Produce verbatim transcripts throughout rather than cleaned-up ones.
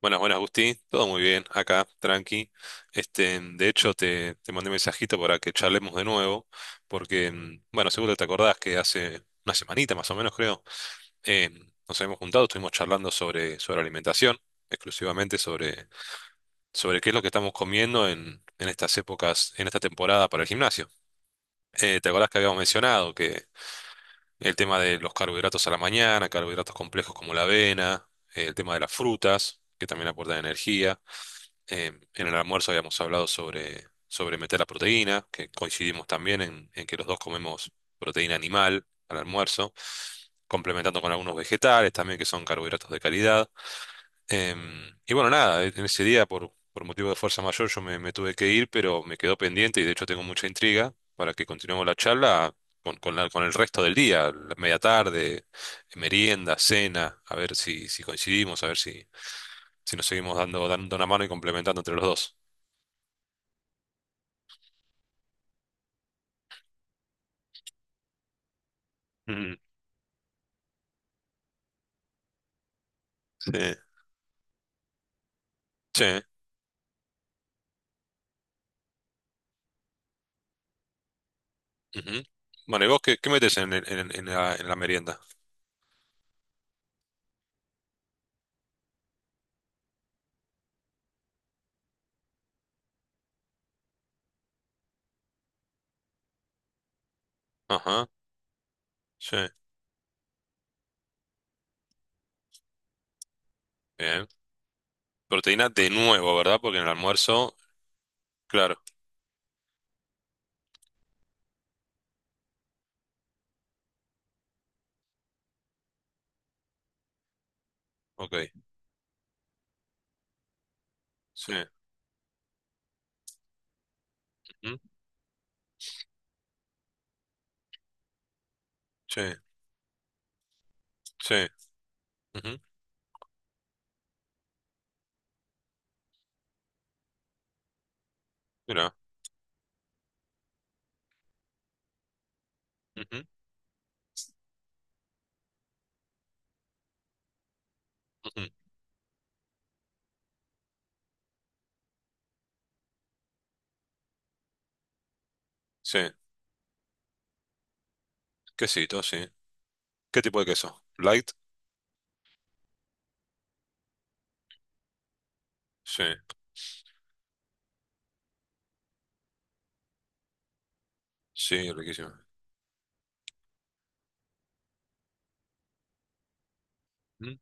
Buenas, buenas, Gusti. Todo muy bien, acá, tranqui. Este, mm, de hecho, te, te mandé un mensajito para que charlemos de nuevo, porque, mm, bueno, seguro te acordás que hace una semanita más o menos, creo, eh, nos habíamos juntado, estuvimos charlando sobre, sobre alimentación, exclusivamente sobre, sobre qué es lo que estamos comiendo en, en estas épocas, en esta temporada para el gimnasio. Eh, ¿te acordás que habíamos mencionado que el tema de los carbohidratos a la mañana, carbohidratos complejos como la avena, eh, el tema de las frutas, que también aportan energía? Eh, en el almuerzo habíamos hablado sobre, sobre meter la proteína, que coincidimos también en, en que los dos comemos proteína animal al almuerzo, complementando con algunos vegetales también que son carbohidratos de calidad. Em, y bueno, nada, en ese día por, por motivo de fuerza mayor yo me, me tuve que ir, pero me quedó pendiente y de hecho tengo mucha intriga para que continuemos la charla con, con la- con el resto del día, la media tarde, merienda, cena, a ver si, si coincidimos, a ver si, si nos seguimos dando, dando una mano y complementando entre los dos. Mm, sí, sí. Ujú. Bueno, ¿y vos qué, qué metes en, el- en- en la, en la merienda? Ajá, sí, bien. Proteína de nuevo, ¿verdad? Porque en el almuerzo, claro, ok. Sí, ujú, sí, sí. Ujú. Mira. Ujú. Ujú. Sí, quesito, sí. ¿Qué tipo de queso? ¿Light? Sí, sí, riquísimo. Ujú.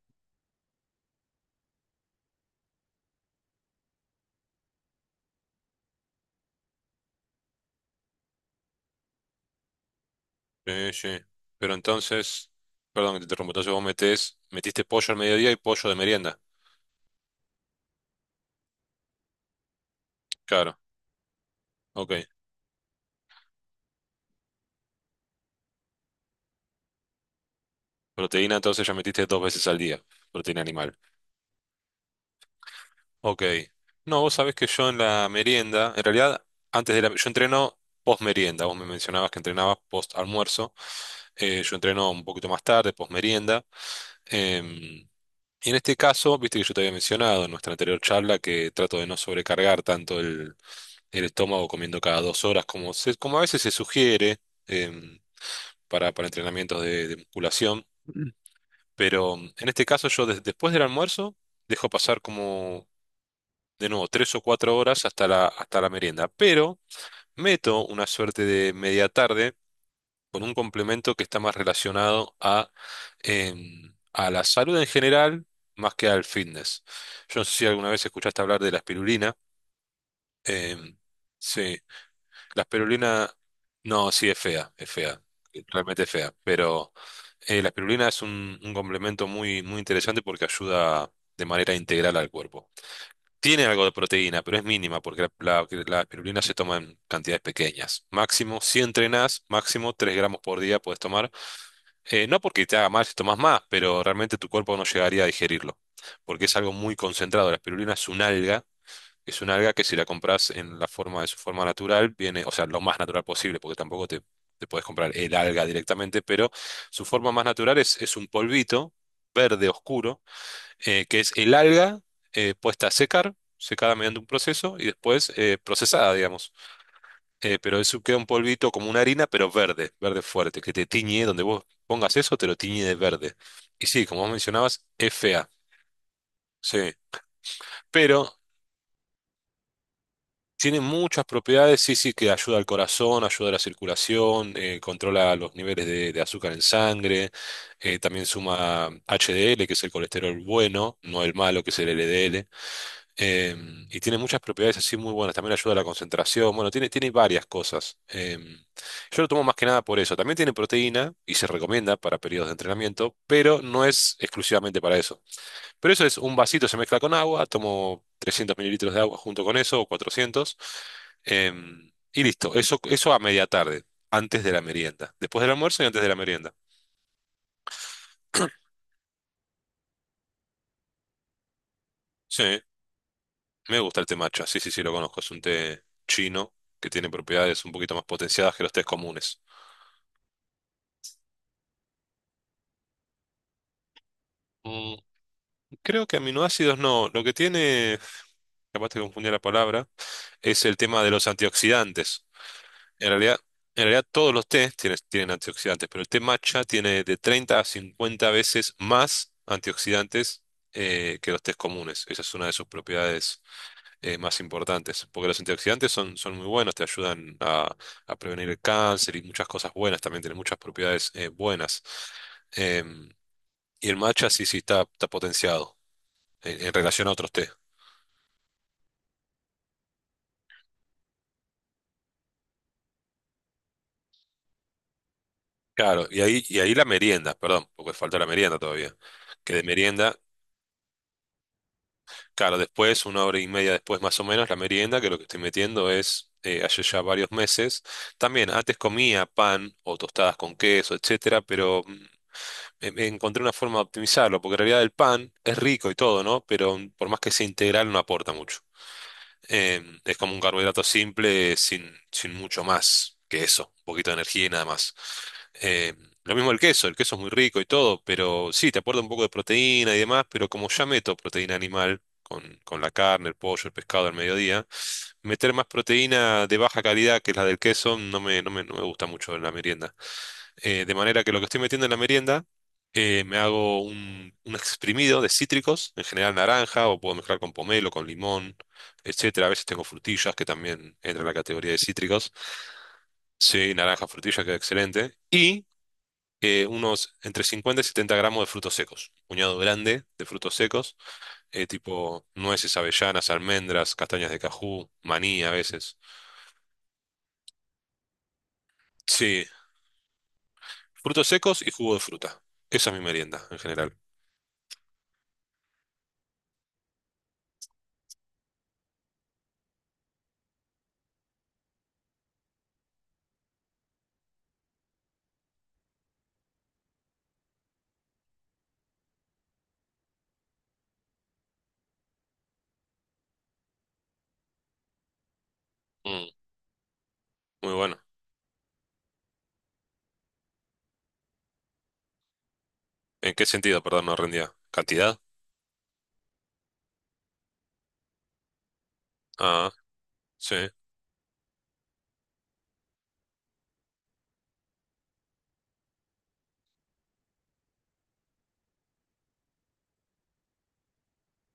Sí, sí. Pero entonces, perdón que te interrumpo, entonces vos metés, metiste pollo al mediodía y pollo de merienda. Claro, ok. Proteína, entonces ya metiste dos veces al día, proteína animal. Ok. No, vos sabés que yo en la merienda, en realidad, antes de la, yo entreno post merienda. Vos me mencionabas que entrenabas post almuerzo. Eh, yo entreno un poquito más tarde, post merienda. Em, y en este caso, viste que yo te había mencionado en nuestra anterior charla que trato de no sobrecargar tanto el, el estómago comiendo cada dos horas como, se- como a veces se sugiere em, para, para entrenamientos de, de musculación. Pero em, en este caso, yo des- después del almuerzo dejo pasar como de nuevo, tres o cuatro horas hasta la, hasta la merienda. Pero meto una suerte de media tarde con un complemento que está más relacionado a, em, a la salud en general más que al fitness. Yo no sé si alguna vez escuchaste hablar de la espirulina. em, sí, la espirulina, no, sí es fea, es fea. Realmente es fea, pero eh, la espirulina es un, un complemento muy, muy interesante porque ayuda de manera integral al cuerpo. Tiene algo de proteína, pero es mínima porque la, la- la espirulina se toma en cantidades pequeñas. Máximo, si entrenás, máximo tres gramos por día puedes tomar. Eh, no porque te haga mal si tomas más, pero realmente tu cuerpo no llegaría a digerirlo, porque es algo muy concentrado. La espirulina es un alga, es un alga que si la compras en la forma de su forma natural, viene, o sea, lo más natural posible, porque tampoco te, te puedes comprar el alga directamente, pero su forma más natural es, es un polvito verde oscuro eh, que es el alga eh, puesta a secar, secada mediante un proceso y después eh, procesada, digamos. Eh, pero eso queda un polvito como una harina, pero verde, verde fuerte, que te tiñe, donde vos pongas eso, te lo tiñe de verde. Y sí, como vos mencionabas, es fea, sí. Pero tiene muchas propiedades, sí, sí, que ayuda al corazón, ayuda a la circulación, eh, controla los niveles de, de azúcar en sangre, eh, también suma H D L, que es el colesterol bueno, no el malo, que es el L D L. Em, y tiene muchas propiedades así muy buenas. También ayuda a la concentración. Bueno, tiene, tiene varias cosas. Em, yo lo tomo más que nada por eso. También tiene proteína y se recomienda para periodos de entrenamiento, pero no es exclusivamente para eso. Pero eso es un vasito, se mezcla con agua. Tomo trescientos mililitros de agua junto con eso, o cuatrocientos. Em, y listo. Eso, eso a media tarde, antes de la merienda. Después del almuerzo y antes de la merienda. Sí, me gusta el té matcha. Sí, sí, sí, lo conozco. Es un té chino que tiene propiedades un poquito más potenciadas que los tés comunes. Mm, Creo que aminoácidos no. Lo que tiene, capaz te confundí la palabra, es el tema de los antioxidantes. En realidad, en realidad todos los tés tienen, tienen antioxidantes, pero el té matcha tiene de treinta a cincuenta veces más antioxidantes eh, que los tés comunes. Esa es una de sus propiedades eh, más importantes, porque los antioxidantes son, son muy buenos, te ayudan a, a prevenir el cáncer y muchas cosas buenas, también tienen muchas propiedades eh, buenas. Em, y el matcha sí, sí, está, está potenciado en, en relación a otros té. Claro, y ahí, y ahí la merienda, perdón, porque falta la merienda todavía. Que de merienda, claro, después, una hora y media después más o menos, la merienda, que lo que estoy metiendo es, eh, hace ya varios meses, también antes comía pan o tostadas con queso, etcétera, pero mm, eh, eh, encontré una forma de optimizarlo, porque en realidad el pan es rico y todo, ¿no? Pero mm, por más que sea integral no aporta mucho. Em, es como un carbohidrato simple sin, sin mucho más que eso, un poquito de energía y nada más. Em, lo mismo el queso, el queso es muy rico y todo, pero sí, te aporta un poco de proteína y demás, pero como ya meto proteína animal con, con la carne, el pollo, el pescado al mediodía, meter más proteína de baja calidad que es la del queso no me, no me, no me gusta mucho en la merienda eh, de manera que lo que estoy metiendo en la merienda, eh, me hago un, un exprimido de cítricos, en general naranja, o puedo mezclar con pomelo, con limón, etcétera. A veces tengo frutillas que también entran en la categoría de cítricos. Sí, naranja, frutilla, queda excelente. Y eh, unos entre cincuenta y setenta gramos de frutos secos, un puñado grande de frutos secos, eh, tipo nueces, avellanas, almendras, castañas de cajú, maní a veces. Sí, frutos secos y jugo de fruta. Esa es mi merienda en general. Mm, muy bueno. ¿En qué sentido, perdón, no rendía? ¿Cantidad? Ah, sí.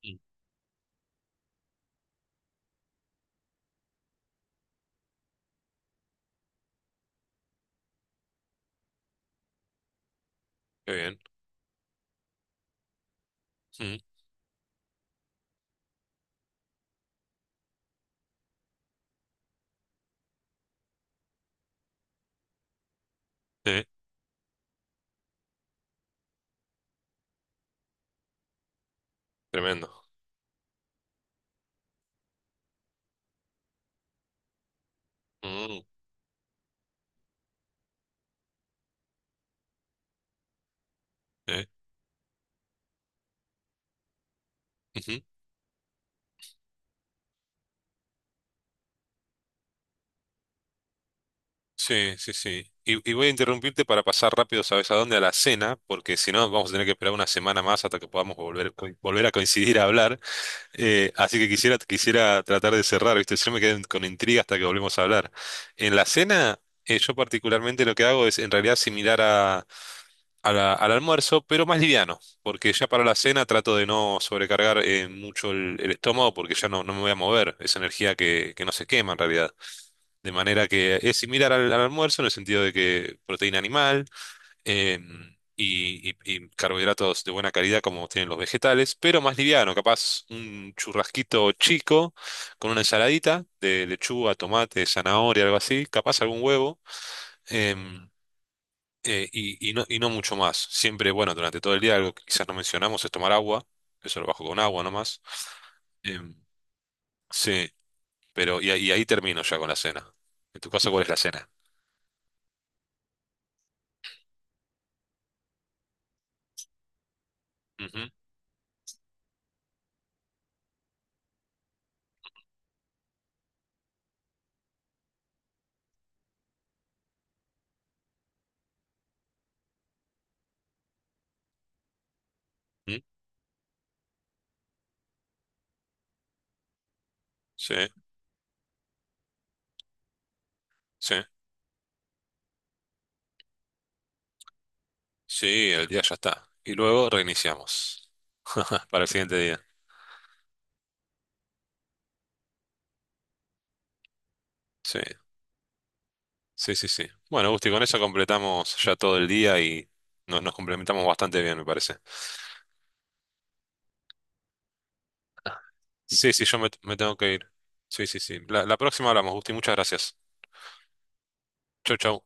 Mm. Qué bien. Mm, eh, tremendo. Mm, eh, ujú. Sí, sí, sí. Y, y voy a interrumpirte para pasar rápido, ¿sabes a dónde? A la cena, porque si no vamos a tener que esperar una semana más hasta que podamos volver, co- volver a coincidir a hablar. Eh, así que quisiera, quisiera tratar de cerrar, ¿viste? Yo me quedé con intriga hasta que volvemos a hablar. En la cena, eh, yo particularmente lo que hago es en realidad similar a a la- al almuerzo, pero más liviano, porque ya para la cena trato de no sobrecargar eh, mucho el, el estómago porque ya no, no me voy a mover, es energía que, que no se quema en realidad. De manera que es similar al, al almuerzo en el sentido de que proteína animal eh, y, y- y carbohidratos de buena calidad como tienen los vegetales, pero más liviano, capaz un churrasquito chico con una ensaladita de lechuga, tomate, zanahoria, algo así, capaz algún huevo. em, eh, y, y no, y no mucho más. Siempre, bueno, durante todo el día, algo que quizás no mencionamos es tomar agua. Eso lo bajo con agua nomás. Em, sí, pero y, ahí y ahí termino ya con la cena. En tu caso, ¿cuál es la cena? Ujú. Ujú. Sí, sí, sí, el día ya está. Y luego reiniciamos para el siguiente día. Sí, sí, sí, sí. Bueno, Gusti, con eso completamos ya todo el día y nos, nos complementamos bastante bien, me parece. Sí, sí, yo me, me tengo que ir. Sí, sí, sí. La, la próxima hablamos, Gusti. Muchas gracias. Chau, chau.